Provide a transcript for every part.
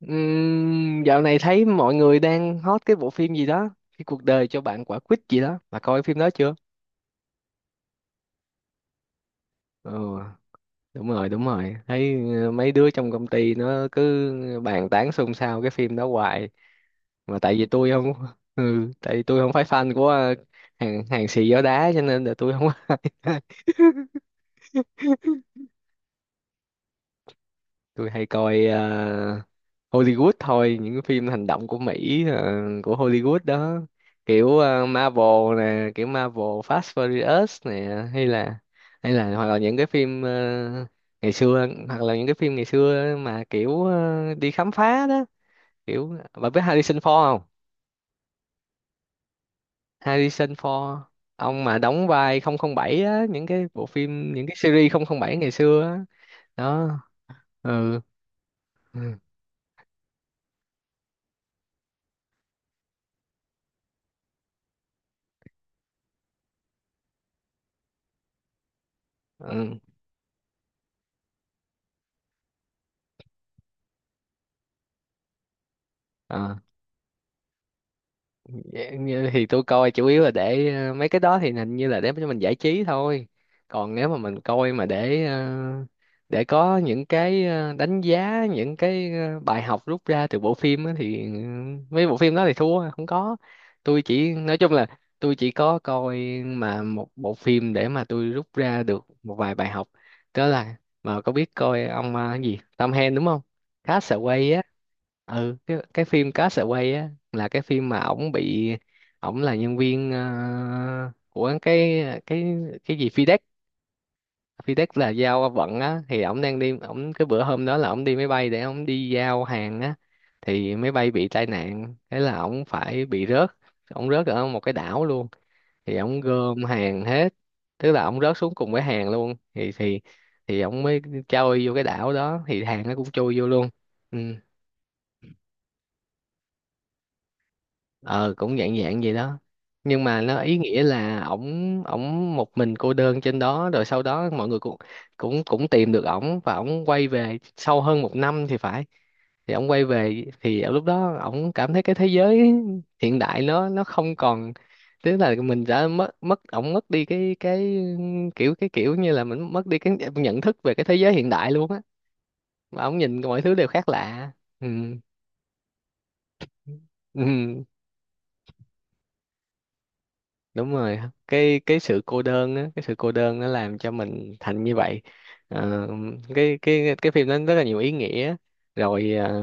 Dạo này thấy mọi người đang hot cái bộ phim gì đó, cái cuộc đời cho bạn quả quýt gì đó, bà coi phim đó chưa? Ừ, đúng rồi, đúng rồi. Thấy mấy đứa trong công ty nó cứ bàn tán xôn xao cái phim đó hoài, mà tại vì tôi không ừ, tại vì tôi không phải fan của hàng hàng xì gió đá cho nên là tôi không ai. Tôi hay coi Hollywood thôi, những cái phim hành động của Mỹ, của Hollywood đó, kiểu Marvel nè, kiểu Marvel Fast Furious nè, hay là hoặc là những cái phim ngày xưa mà kiểu đi khám phá đó. Kiểu bà biết Harrison Ford không? Harrison Ford, ông mà đóng vai 007 á, những cái bộ phim, những cái series 007 ngày xưa á đó. Ừ, ừ, ừ. Dạ, như thì tôi coi chủ yếu là để mấy cái đó thì hình như là để cho mình giải trí thôi, còn nếu mà mình coi mà để để có những cái đánh giá, những cái bài học rút ra từ bộ phim á thì mấy bộ phim đó thì thua, không có. Tôi chỉ nói chung là tôi chỉ có coi mà một bộ phim để mà tôi rút ra được một vài bài học, đó là, mà có biết coi ông cái gì Tom Hanks đúng không? Castaway á. Ừ, cái phim Castaway á là cái phim mà ổng bị, ổng là nhân viên của cái cái gì FedEx. FedEx là giao vận á, thì ổng đang đi, ổng cái bữa hôm đó là ổng đi máy bay để ổng đi giao hàng á, thì máy bay bị tai nạn, thế là ổng phải bị rớt, ổng rớt ở một cái đảo luôn, thì ổng gom hàng hết, tức là ổng rớt xuống cùng với hàng luôn, thì ổng mới trôi vô cái đảo đó, thì hàng nó cũng trôi vô luôn. Ừ, ờ cũng dạng dạng vậy đó. Nhưng mà nó ý nghĩa là ổng ổng một mình cô đơn trên đó, rồi sau đó mọi người cũng cũng cũng tìm được ổng và ổng quay về sau hơn một năm thì phải. Thì ổng quay về thì ở lúc đó ổng cảm thấy cái thế giới hiện đại nó không còn, tức là mình đã mất, mất ổng mất đi cái kiểu cái kiểu như là mình mất đi cái nhận thức về cái thế giới hiện đại luôn á, mà ổng nhìn mọi thứ đều khác lạ. Ừ. Ừ. Đúng rồi, cái sự cô đơn á, cái sự cô đơn nó làm cho mình thành như vậy. Ờ, cái phim nó rất là nhiều ý nghĩa. Rồi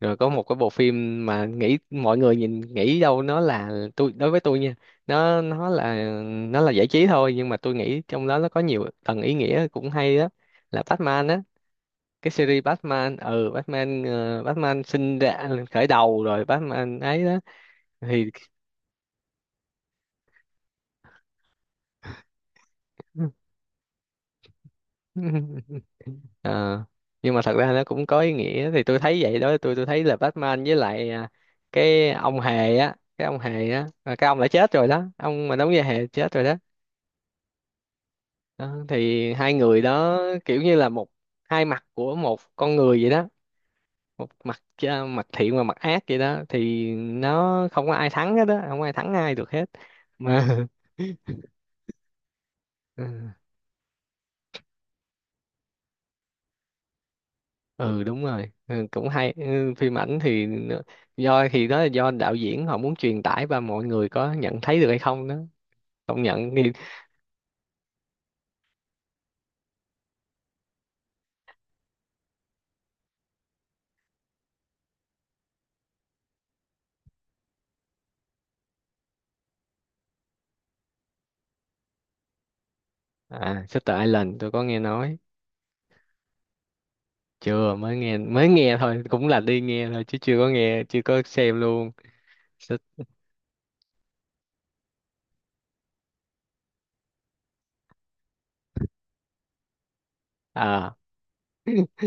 rồi có một cái bộ phim mà nghĩ mọi người nhìn nghĩ đâu nó là, tôi đối với tôi nha, nó nó là nó là giải trí thôi, nhưng mà tôi nghĩ trong đó nó có nhiều tầng ý nghĩa cũng hay, đó là Batman á, cái series Batman, Batman, Batman sinh ra, khởi đầu, rồi Batman ấy đó. Thì ờ, nhưng mà thật ra nó cũng có ý nghĩa, thì tôi thấy vậy đó. Tôi thấy là Batman với lại cái ông hề á, cái ông hề á, cái ông đã chết rồi đó, ông mà đóng vai hề chết rồi đó. Đó, thì hai người đó kiểu như là một hai mặt của một con người vậy đó, một mặt mặt thiện và mặt ác vậy đó, thì nó không có ai thắng hết đó, không ai thắng ai được hết mà. Ừ đúng rồi, ừ, cũng hay, ừ, phim ảnh thì nó, do thì đó là do đạo diễn họ muốn truyền tải và mọi người có nhận thấy được hay không đó, không nhận thì... À, Shutter Island tôi có nghe nói. Chưa, mới nghe thôi, cũng là đi nghe thôi chứ chưa có nghe, chưa có xem luôn. Shut- À.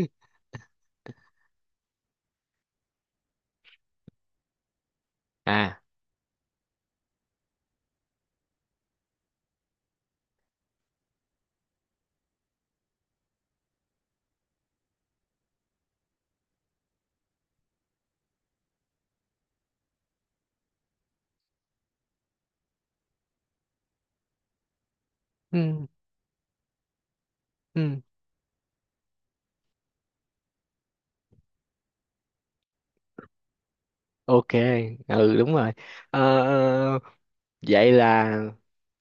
À, ừ, ừ, ok, ừ đúng rồi. Ờ, ờ, Vậy là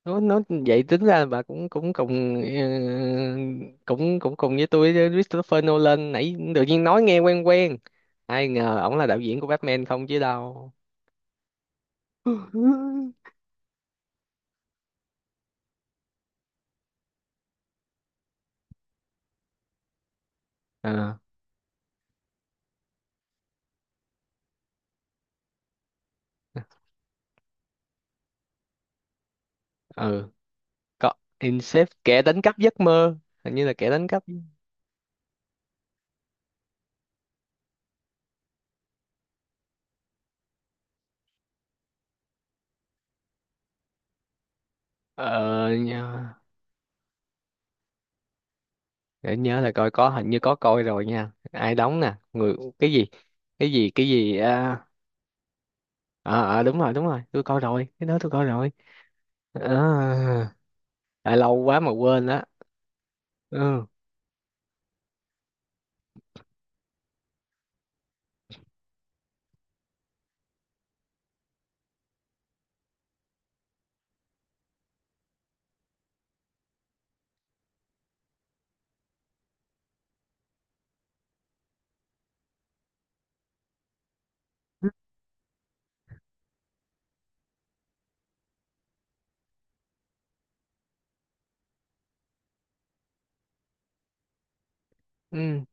nó vậy tính ra là bà cũng, cũng cùng cũng cũng cùng với tôi, với Christopher Nolan, nãy tự nhiên nói nghe quen quen, ai ngờ ổng là đạo diễn của Batman không chứ đâu. Ờ, ừ, có. Incept kẻ đánh cắp giấc mơ, hình như là kẻ đánh cắp. ờ Nhớ. Để nhớ là coi có, hình như có coi rồi nha. Ai đóng nè, người cái gì cái gì cái gì, à, ờ, ờ, đúng rồi, đúng rồi, tôi coi rồi, cái đó tôi coi rồi. Ờ, à, lâu quá mà quên đó. Ừ, ừ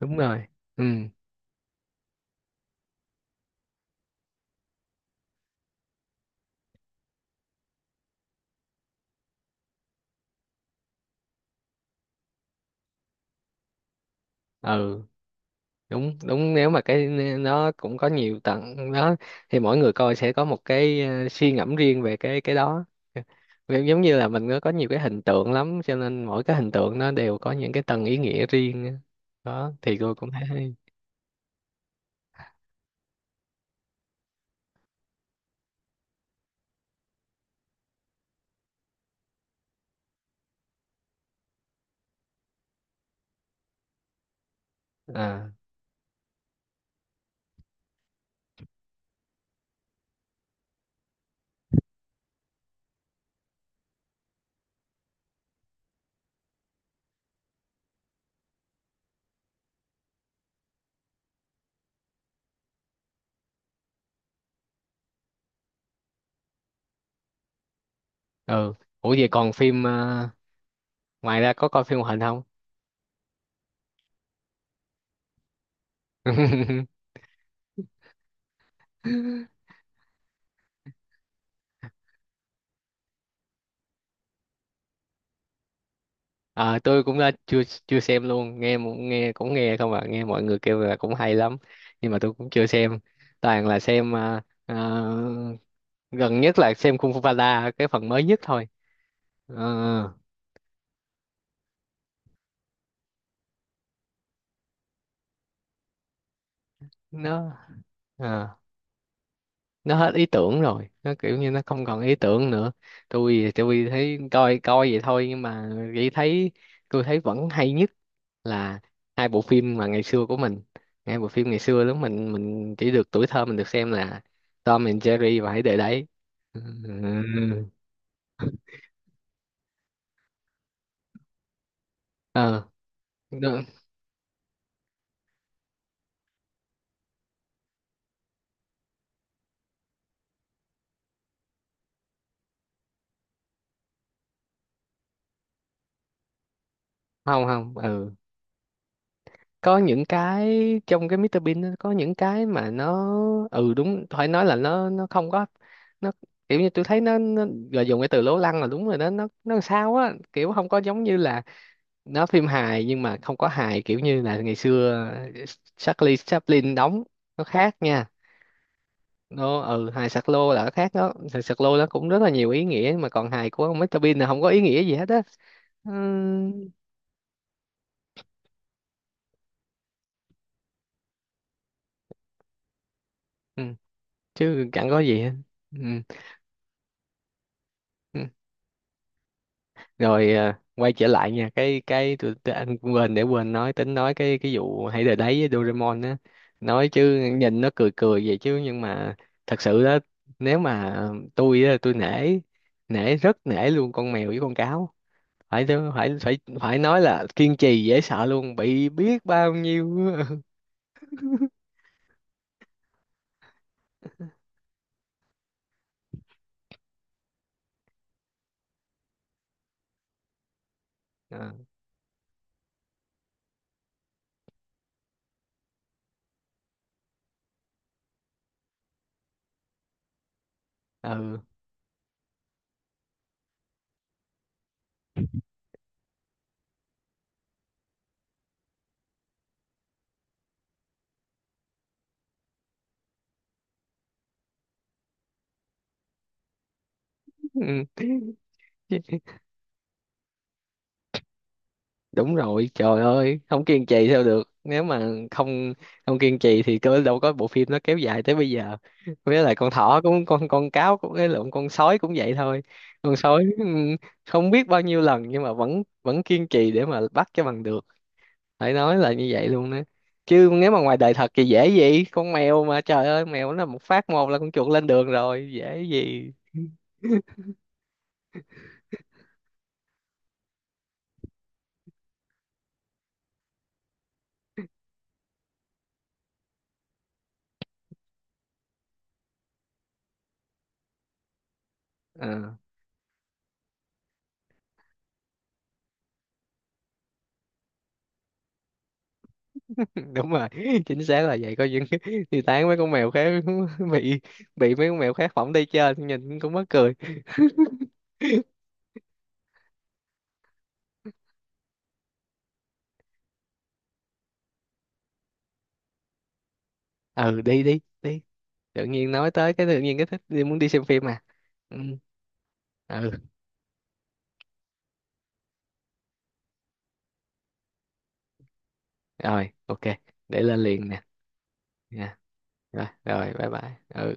đúng rồi, ừ. Ừ đúng đúng, nếu mà cái, nó cũng có nhiều tầng đó, thì mỗi người coi sẽ có một cái suy ngẫm riêng về cái đó. Vì giống như là mình có nhiều cái hình tượng lắm cho nên mỗi cái hình tượng nó đều có những cái tầng ý nghĩa riêng á. Đó thì tôi cũng thấy hay. À, ừ. Ủa, vậy còn phim ngoài ra có coi phim hoạt hình không? Ờ, tôi cũng đã, chưa chưa xem luôn, nghe nghe, cũng nghe không à, nghe mọi người kêu là cũng hay lắm, nhưng mà tôi cũng chưa xem, toàn là xem, gần nhất là xem Kung Fu Panda cái phần mới nhất thôi. Ờ, nó ờ. nó hết ý tưởng rồi, nó kiểu như nó không còn ý tưởng nữa. Tôi thì tôi thấy coi coi vậy thôi, nhưng mà chỉ thấy, tôi thấy vẫn hay nhất là hai bộ phim mà ngày xưa của mình, hai bộ phim ngày xưa lúc mình chỉ được, tuổi thơ mình được xem là Tom and Jerry và Hãy Để Đấy. Ừ. Ờ đúng. Không, không, ừ, có những cái trong cái Mr Bean nó có những cái mà nó, ừ đúng, phải nói là nó không có, nó kiểu như tôi thấy nó là dùng cái từ lố lăng là đúng rồi đó. Nó làm sao á, kiểu không có giống như là nó phim hài nhưng mà không có hài, kiểu như là ngày xưa ờ, Charlie Chaplin đóng, nó khác nha. Nó, ừ, hài sạc lô là nó khác đó, hài sạc lô nó cũng rất là nhiều ý nghĩa, mà còn hài của ông Mr Bean là không có ý nghĩa gì hết á. Ừm, ừ, chứ chẳng có gì hết. Ừ. Rồi, à, quay trở lại nha, cái tôi, anh quên, để quên nói, tính nói cái vụ hãy đời đấy với Doraemon á. Nói chứ nhìn nó cười cười vậy chứ nhưng mà thật sự đó, nếu mà tôi á, tôi nể, rất nể luôn con mèo với con cáo. Phải phải phải phải nói là kiên trì dễ sợ luôn, bị biết bao nhiêu. Ờ, ừ đúng rồi, trời ơi, không kiên trì sao được, nếu mà không, không kiên trì thì cơ đâu có bộ phim nó kéo dài tới bây giờ. Với lại con thỏ cũng, con cáo cũng, cái lộn, con sói cũng vậy thôi, con sói, không biết bao nhiêu lần nhưng mà vẫn vẫn kiên trì để mà bắt cho bằng được, phải nói là như vậy luôn đó. Chứ nếu mà ngoài đời thật thì dễ gì con mèo, mà trời ơi, mèo nó một phát một là con chuột lên đường rồi, dễ gì. Ờ. Đúng rồi, chính xác là vậy. Có những thì tán mấy con mèo khác, bị bị mấy con mèo khác phỏng đi chơi nhìn cũng mắc cười. Ừ, đi đi đi, tự nhiên nói tới cái, tự nhiên cái thích, đi, muốn đi xem phim à. Ừ, ừ. Rồi, ok, để lên liền nè, nha, rồi rồi, bye bye, ừ.